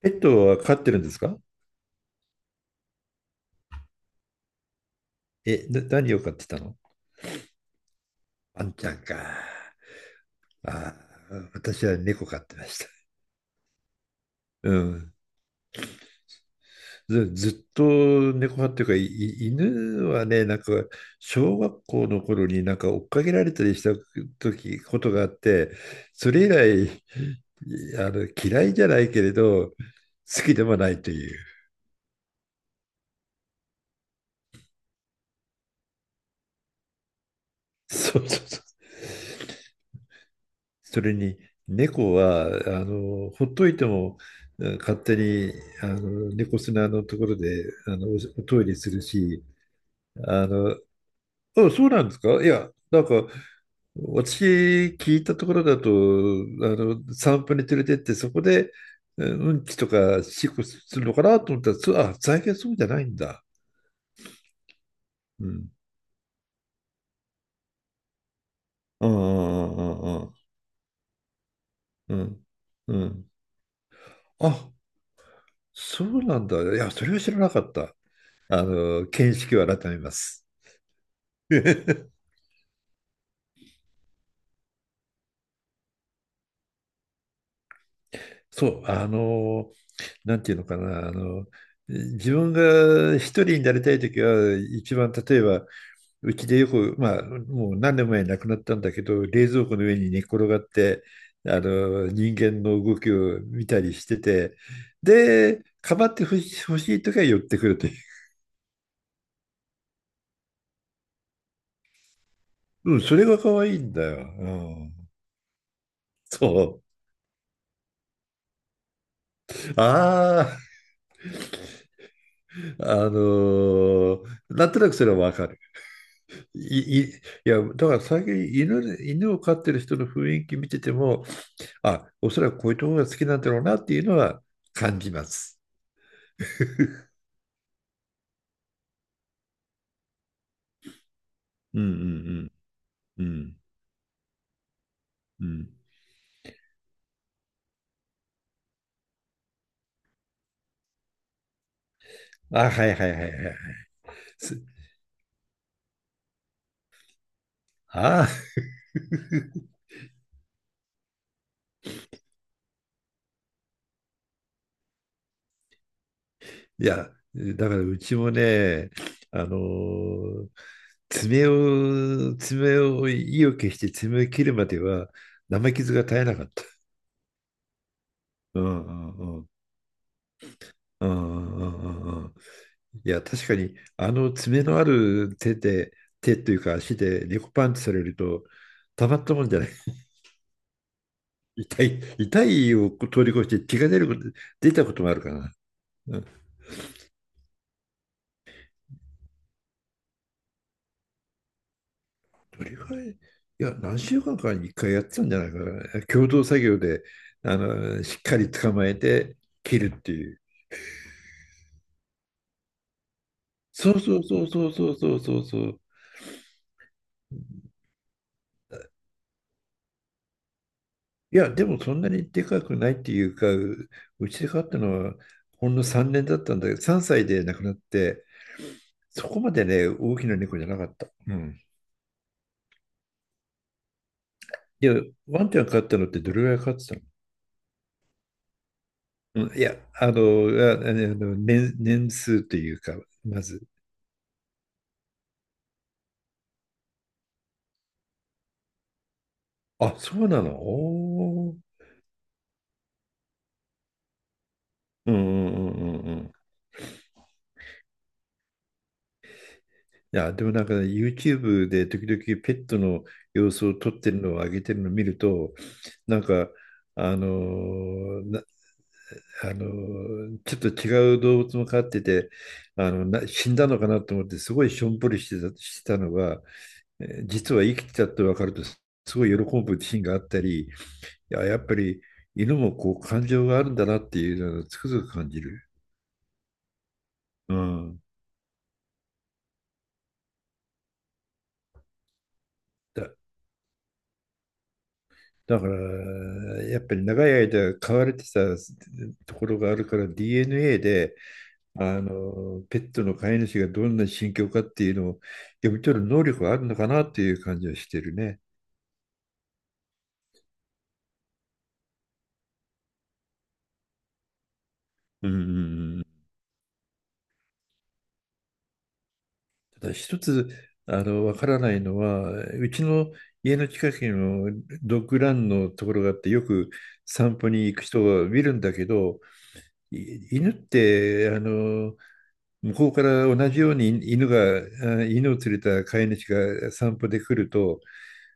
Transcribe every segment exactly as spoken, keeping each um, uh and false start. ペットは飼ってるんですか？え、な、何を飼ってたの？ワンちゃんか。あー、私は猫飼ってました。うん。ず、ずっと猫派っていうか、いい犬はね、なんか、小学校の頃になんか追っかけられたりした時、ことがあって、それ以来、あの、嫌いじゃないけれど、好きでもないという。そうそうそう。それに猫はあのほっといてもあ勝手にあの猫砂のところであのおおトイレするし。あのあ、そうなんですか？いや、なんか、私聞いたところだとあの散歩に連れてってそこでうんうんちとかしっこするのかなと思ったら、そう、あ最近そうじゃないんだ。うん、うんうんうんうんうんうん。あそうなんだ。いや、それは知らなかった。あの、見識を改めます。そう、あの、なんていうのかな、あの、自分が一人になりたいときは、一番例えば、うちでよく、まあ、もう何年も前に亡くなったんだけど、冷蔵庫の上に寝っ転がって、あの、人間の動きを見たりしてて、で、かまってほし欲しいときは寄ってくるという。うん、それが可愛いんだよ。うん、そう。ああ、あのなんとなくそれはわかる。い、い、いや、だから最近犬犬を飼ってる人の雰囲気見てても、あ、おそらくこういうところが好きなんだろうなっていうのは感じます。うんうんうんうんうん。あ、はいはいはいはい。すあ、いや、だからうちもね、あのー爪を、爪を、意を決して爪を切るまでは生傷が絶えなかった。うんうんうんうんうんうん。いや、確かに、あの爪のある手で、手というか足で猫パンチされると、たまったもんじゃない。痛い、痛いを通り越して血が出ること、出たこともあるからな。うん、どれぐらい、いや、何週間かにいっかいやってたんじゃないかな。共同作業で、あの、しっかり捕まえて切るっていう。そうそうそうそうそうそうそうそう。いや、でもそんなにでかくないっていうか、ううちで飼ったのはほんのさんねんだったんだけど、さんさいで亡くなって、そこまでね、大きな猫じゃなかった。うん。いや、ワンちゃん飼ったのってどれぐらい飼ってたの？うん、いや、あの、あ、あの、年、年数というか、まず。あ、そうなのおー。うんうんうんうんうん。いや、でもなんかね、YouTube で時々ペットの様子を撮ってるのを上げてるのを見ると、なんか、あのーあの、ちょっと違う動物も飼ってて、あの、な死んだのかなと思って、すごいしょんぼりしてた、してたのが、えー実は生きてたって分かると、すごい喜ぶシーンがあったり、いや、やっぱり犬もこう感情があるんだなっていうのをつくづく感じる。うん。だ、だから、やっぱり長い間飼われてたところがあるから、ディーエヌエー で、あの、ペットの飼い主がどんな心境かっていうのを読み取る能力があるのかなっていう感じはしてるね。うんうんうん。ただ一つ、あの、わからないのは、うちの家の近くのドッグランのところがあって、よく散歩に行く人が見るんだけど、い犬って、あの、向こうから同じように犬が、あ犬を連れた飼い主が散歩で来ると、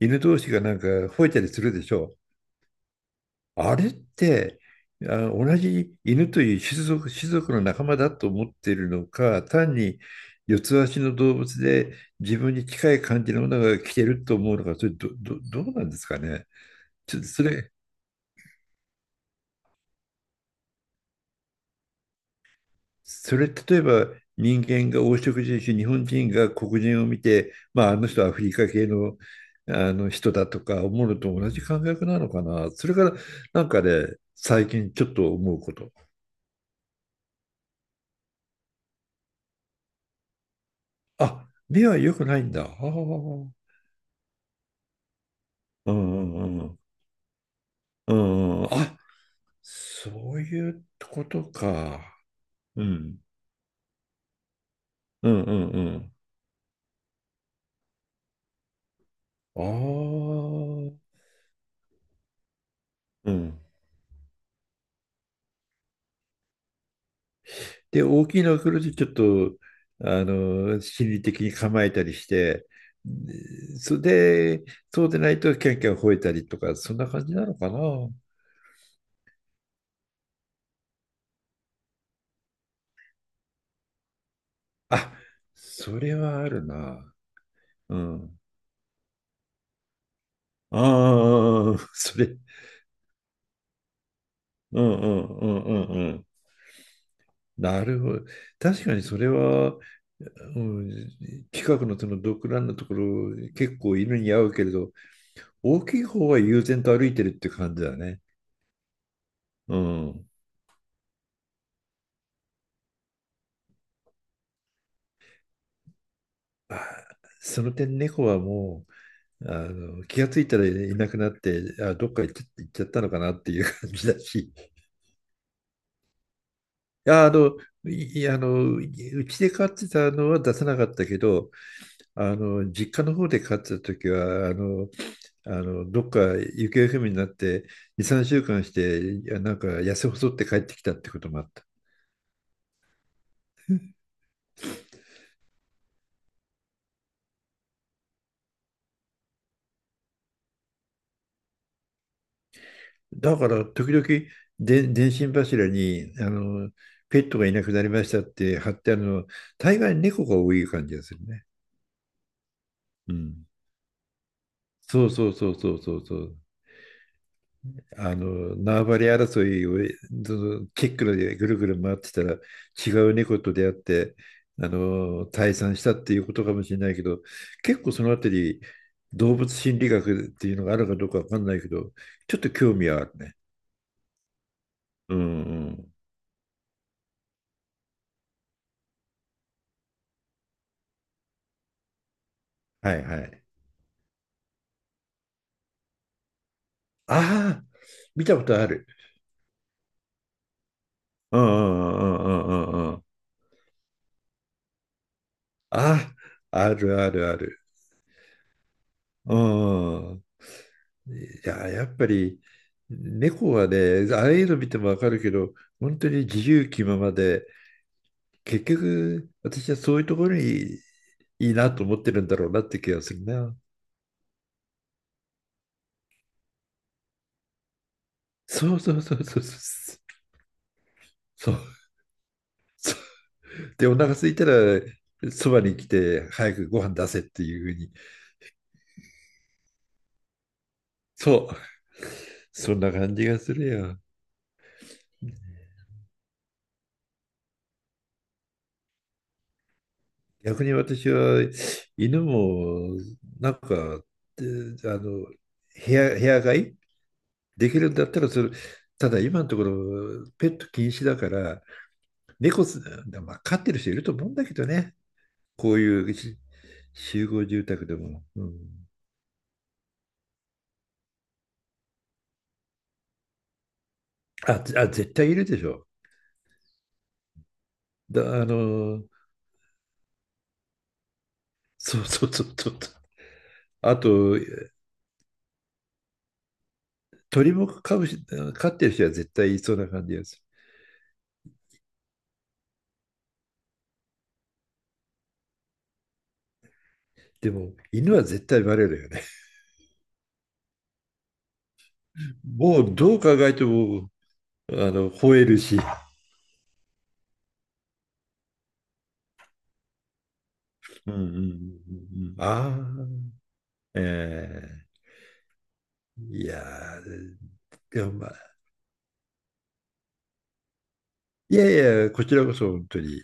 犬同士がなんか吠えたりするでしょ？あれって、あ、同じ犬という種族、種族の仲間だと思っているのか、単に四つ足の動物で自分に近い感じのものが来てると思うのか、それど、ど、どうなんですかね？ちょっとそれ、それ例えば人間が黄色人種、日本人が黒人を見て、まあ、あの人はアフリカ系の、あの人だとか思うのと同じ感覚なのかな。それからなんかね、最近ちょっと思うこと。あ、目は良くないんだ。ああ。うんうんうん。うんうん。あ、そういうことか。うん。うんうんうん。ああ。うん。で、大きいのが来るとちょっと、あの、心理的に構えたりして、でそれで、そうでないとキャンキャン吠えたりとか、そんな感じなのかな。あ、それはあるな。うん。ああ、それ。うんうんうんうん。なるほど。確かにそれは、うん、近くのその独覧のところ、結構犬に合うけれど、大きい方は悠然と歩いてるって感じだね。うん。その点、猫はもう、あの、気がついたらいなくなって、あ、どっか行っちゃ行っちゃったのかなっていう感じだし、いや、あの、いいあの、うちで飼ってたのは出さなかったけど、あの、実家の方で飼ってた時は、あの、あの、どっか行方不明になって、に、さんしゅうかんして、やなんか痩せ細って帰ってきたってこともあった。だから、時々で、電信柱に、あの、ペットがいなくなりましたって貼ってあるの、大概猫が多い感じがするね。うん。そうそうそうそうそうそう。あの縄張り争いをその結露でぐるぐる回ってたら、違う猫と出会って、あの退散したっていうことかもしれないけど、結構そのあたり動物心理学っていうのがあるかどうかわかんないけど、ちょっと興味はあるね。うんうん。はいはい。ああ、見たことある。うんうんうんうんうんうんうん。あ、あるあるある。うんうん。いや、やっぱり猫はね、ああいうの見てもわかるけど、本当に自由気ままで、結局私はそういうところにいいなと思ってるんだろうなって気がするな。そうそうそうそうそう。そうそう。で、お腹空いたらそばに来て早くご飯出せっていうふうに。そう。そんな感じがするよ。逆に私は犬もなんか、えあの部屋、部屋飼いできるんだったらそれ、ただ今のところ、ペット禁止だから、猫す、まあ、飼ってる人いると思うんだけどね、こういうし集合住宅でも。うん、あ、あ、絶対いるでしょ。だ、あの、そうそうそうそう。あと、鳥も飼うし、飼ってる人は絶対いそうな感じがする。でも、犬は絶対バレるよね。もうどう考えても、あの、吠えるし。うんうんうんうん。ああ、ええー、いやーいや、まあ、いやいや、こちらこそ本当に、